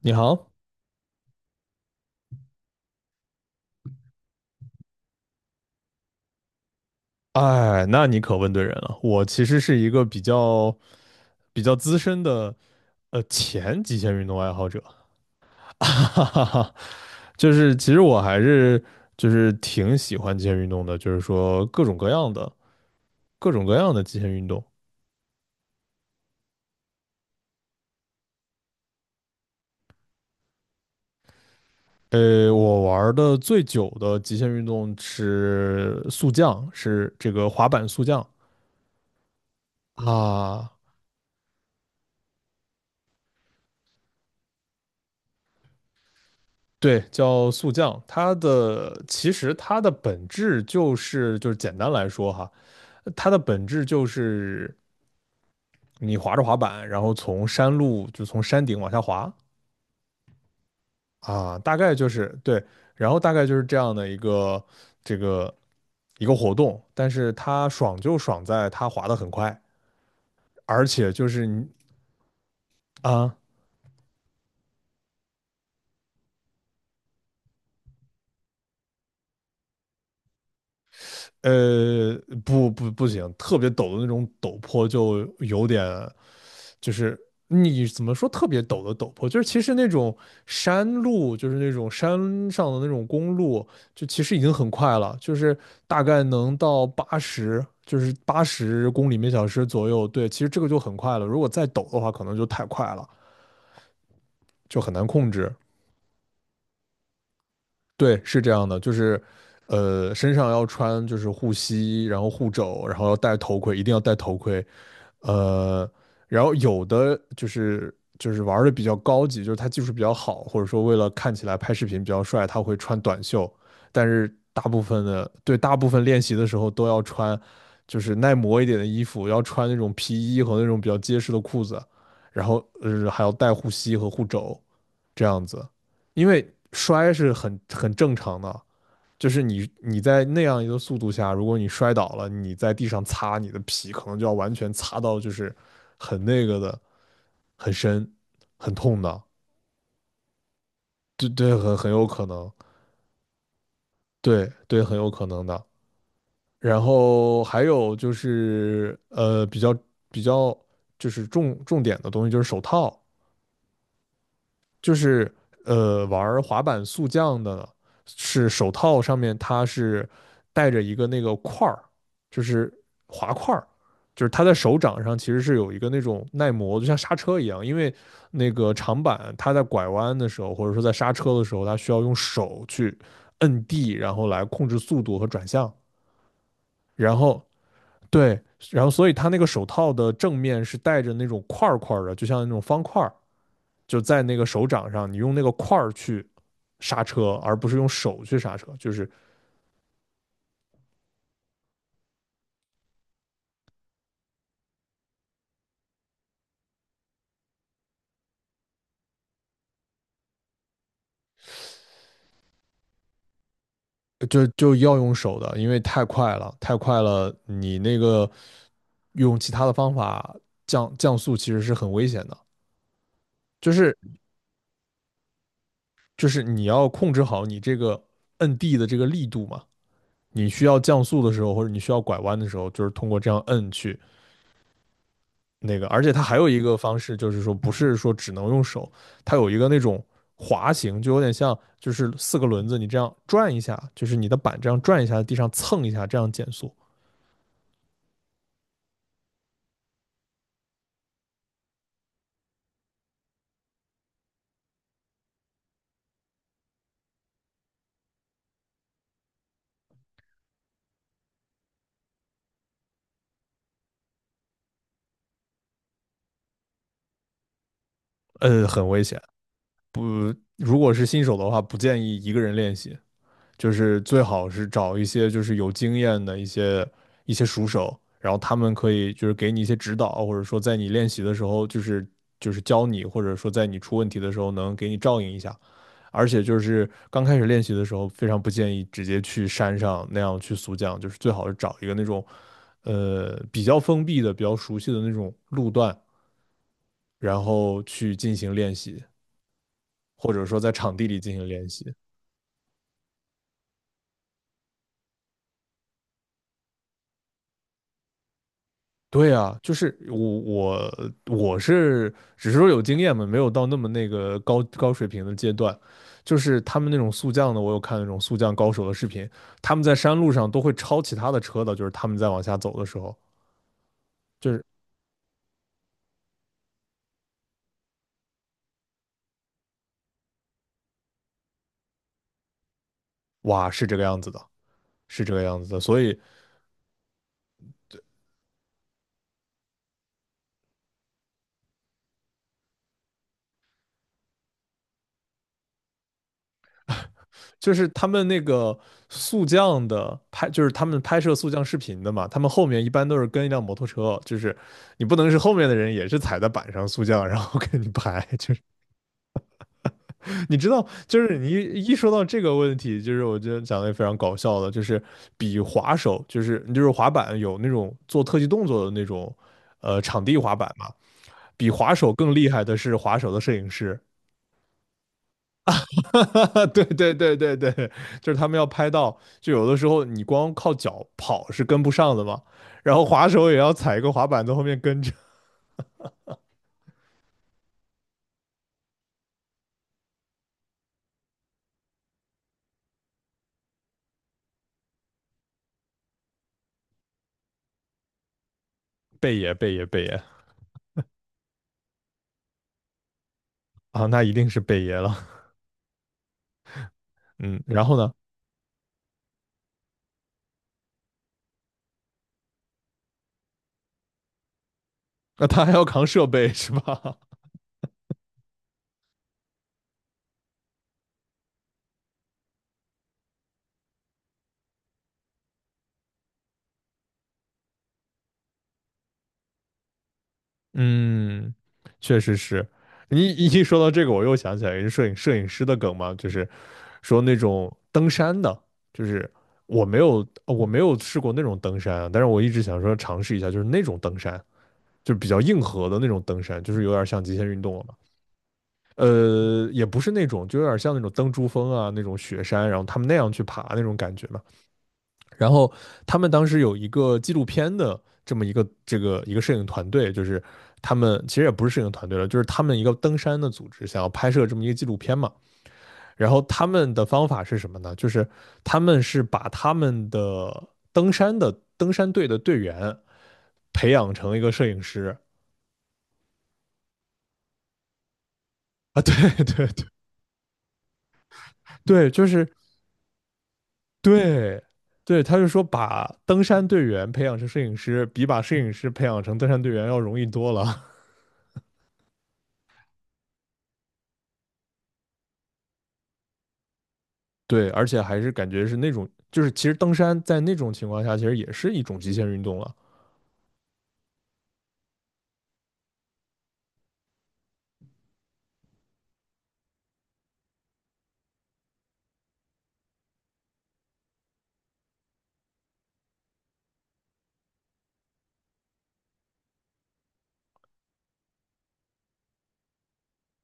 你好。哎，那你可问对人了。我其实是一个比较资深的前极限运动爱好者，哈哈哈。就是其实我还是就是挺喜欢极限运动的，就是说各种各样的极限运动。我玩的最久的极限运动是速降，是这个滑板速降啊。对，叫速降，它的本质就是简单来说哈，它的本质就是你滑着滑板，然后从山路就从山顶往下滑啊，大概就是对，然后大概就是这样的这个一个活动，但是它爽就爽在它滑得很快，而且就是你啊呃不不不行，特别陡的那种陡坡就有点。就是你怎么说特别陡的陡坡，就是其实那种山路，就是那种山上的那种公路，就其实已经很快了，就是大概能到八十，就是80公里每小时左右。对，其实这个就很快了，如果再陡的话，可能就太快了，就很难控制。对，是这样的，就是，身上要穿就是护膝，然后护肘，然后要戴头盔，一定要戴头盔。呃，然后有的就是玩的比较高级，就是他技术比较好，或者说为了看起来拍视频比较帅，他会穿短袖，但是大部分的对，大部分练习的时候都要穿就是耐磨一点的衣服，要穿那种皮衣和那种比较结实的裤子，然后还要戴护膝和护肘这样子。因为摔是很正常的，就是你在那样一个速度下，如果你摔倒了，你在地上擦，你的皮可能就要完全擦到就是很那个的，很深，很痛的。对对，很有可能，对对，很有可能的。然后还有就是比较就是重点的东西就是手套，就是玩滑板速降的呢是手套上面它是带着一个那个块儿，就是滑块儿，就是它在手掌上其实是有一个那种耐磨，就像刹车一样，因为那个长板它在拐弯的时候，或者说在刹车的时候，它需要用手去摁地，然后来控制速度和转向，然后对。然后，所以它那个手套的正面是带着那种块儿块儿的，就像那种方块儿，就在那个手掌上，你用那个块儿去刹车，而不是用手去刹车，就是就要用手的，因为太快了，太快了，你那个用其他的方法降速其实是很危险的，就是你要控制好你这个摁地的这个力度嘛，你需要降速的时候或者你需要拐弯的时候，就是通过这样摁去那个，而且它还有一个方式，就是说不是说只能用手，它有一个那种滑行，就有点像就是四个轮子你这样转一下，就是你的板这样转一下，地上蹭一下，这样减速。很危险。如果是新手的话，不建议一个人练习，就是最好是找一些就是有经验的一些熟手，然后他们可以就是给你一些指导，或者说在你练习的时候，就是教你，或者说在你出问题的时候能给你照应一下。而且就是刚开始练习的时候，非常不建议直接去山上那样去速降，就是最好是找一个那种，比较封闭的、比较熟悉的那种路段，然后去进行练习，或者说在场地里进行练习。对啊，就是我是只是说有经验嘛，没有到那么那个高水平的阶段。就是他们那种速降的，我有看那种速降高手的视频，他们在山路上都会超其他的车的，就是他们在往下走的时候，就是哇，是这个样子的，是这个样子的。所以就是他们那个速降的拍，就是他们拍摄速降视频的嘛，他们后面一般都是跟一辆摩托车，就是你不能是后面的人也是踩在板上速降，然后跟你拍，就是你知道，就是你一说到这个问题，就是我觉得讲的也非常搞笑的，就是比滑手，就是你就是滑板有那种做特技动作的那种，场地滑板嘛，比滑手更厉害的是滑手的摄影师。哈哈，对对对对对，就是他们要拍到，就有的时候你光靠脚跑是跟不上的嘛，然后滑手也要踩一个滑板在后面跟着。贝爷贝爷贝爷啊，那一定是贝爷了。嗯，然后呢，那他还要扛设备 是吧？嗯，确实是。你一说到这个，我又想起来一个摄影师的梗嘛，就是说那种登山的，就是我没有试过那种登山啊，但是我一直想说尝试一下，就是那种登山。就比较硬核的那种登山，就是有点像极限运动了嘛。呃，也不是那种，就有点像那种登珠峰啊，那种雪山，然后他们那样去爬那种感觉嘛。然后他们当时有一个纪录片的这么一个摄影团队，就是他们其实也不是摄影团队了，就是他们一个登山的组织想要拍摄这么一个纪录片嘛。然后他们的方法是什么呢？就是他们是把他们的登山的登山队的队员培养成一个摄影师啊，对对对对，就是对，对，他就说把登山队员培养成摄影师，比把摄影师培养成登山队员要容易多了。对，而且还是感觉是那种，就是其实登山在那种情况下，其实也是一种极限运动了。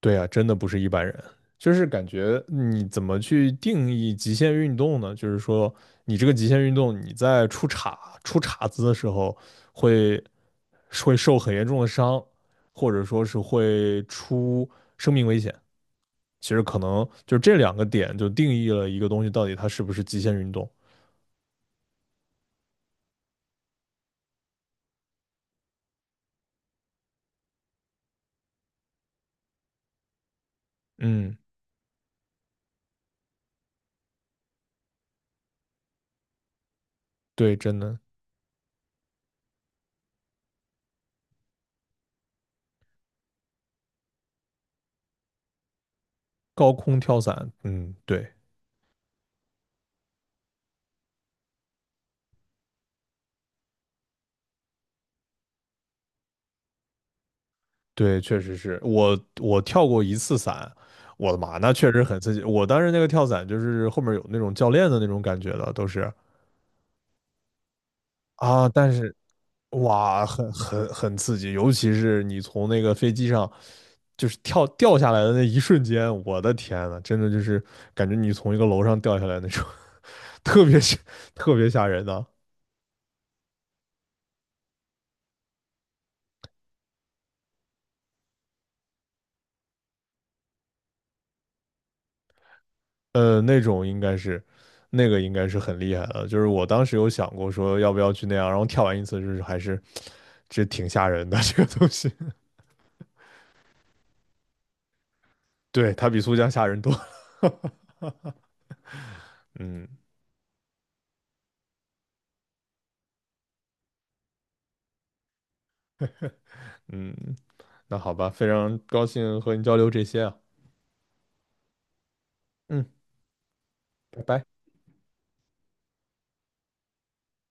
对啊，真的不是一般人，就是感觉你怎么去定义极限运动呢？就是说，你这个极限运动，你在出岔子的时候会会受很严重的伤，或者说是会出生命危险。其实可能就这两个点就定义了一个东西到底它是不是极限运动。嗯，对，真的。高空跳伞，嗯，对对，确实是我跳过一次伞，我的妈，那确实很刺激。我当时那个跳伞就是后面有那种教练的那种感觉的，都是啊，但是哇，很刺激，尤其是你从那个飞机上就是跳掉下来的那一瞬间，我的天呐，真的就是感觉你从一个楼上掉下来那种，特别吓，特别吓人的。那种应该是那个应该是很厉害的，就是我当时有想过说要不要去那样，然后跳完一次就是还是这挺吓人的 这个东西。对，它比速降吓人多。嗯嗯，那好吧，非常高兴和你交流这些啊。嗯，拜拜。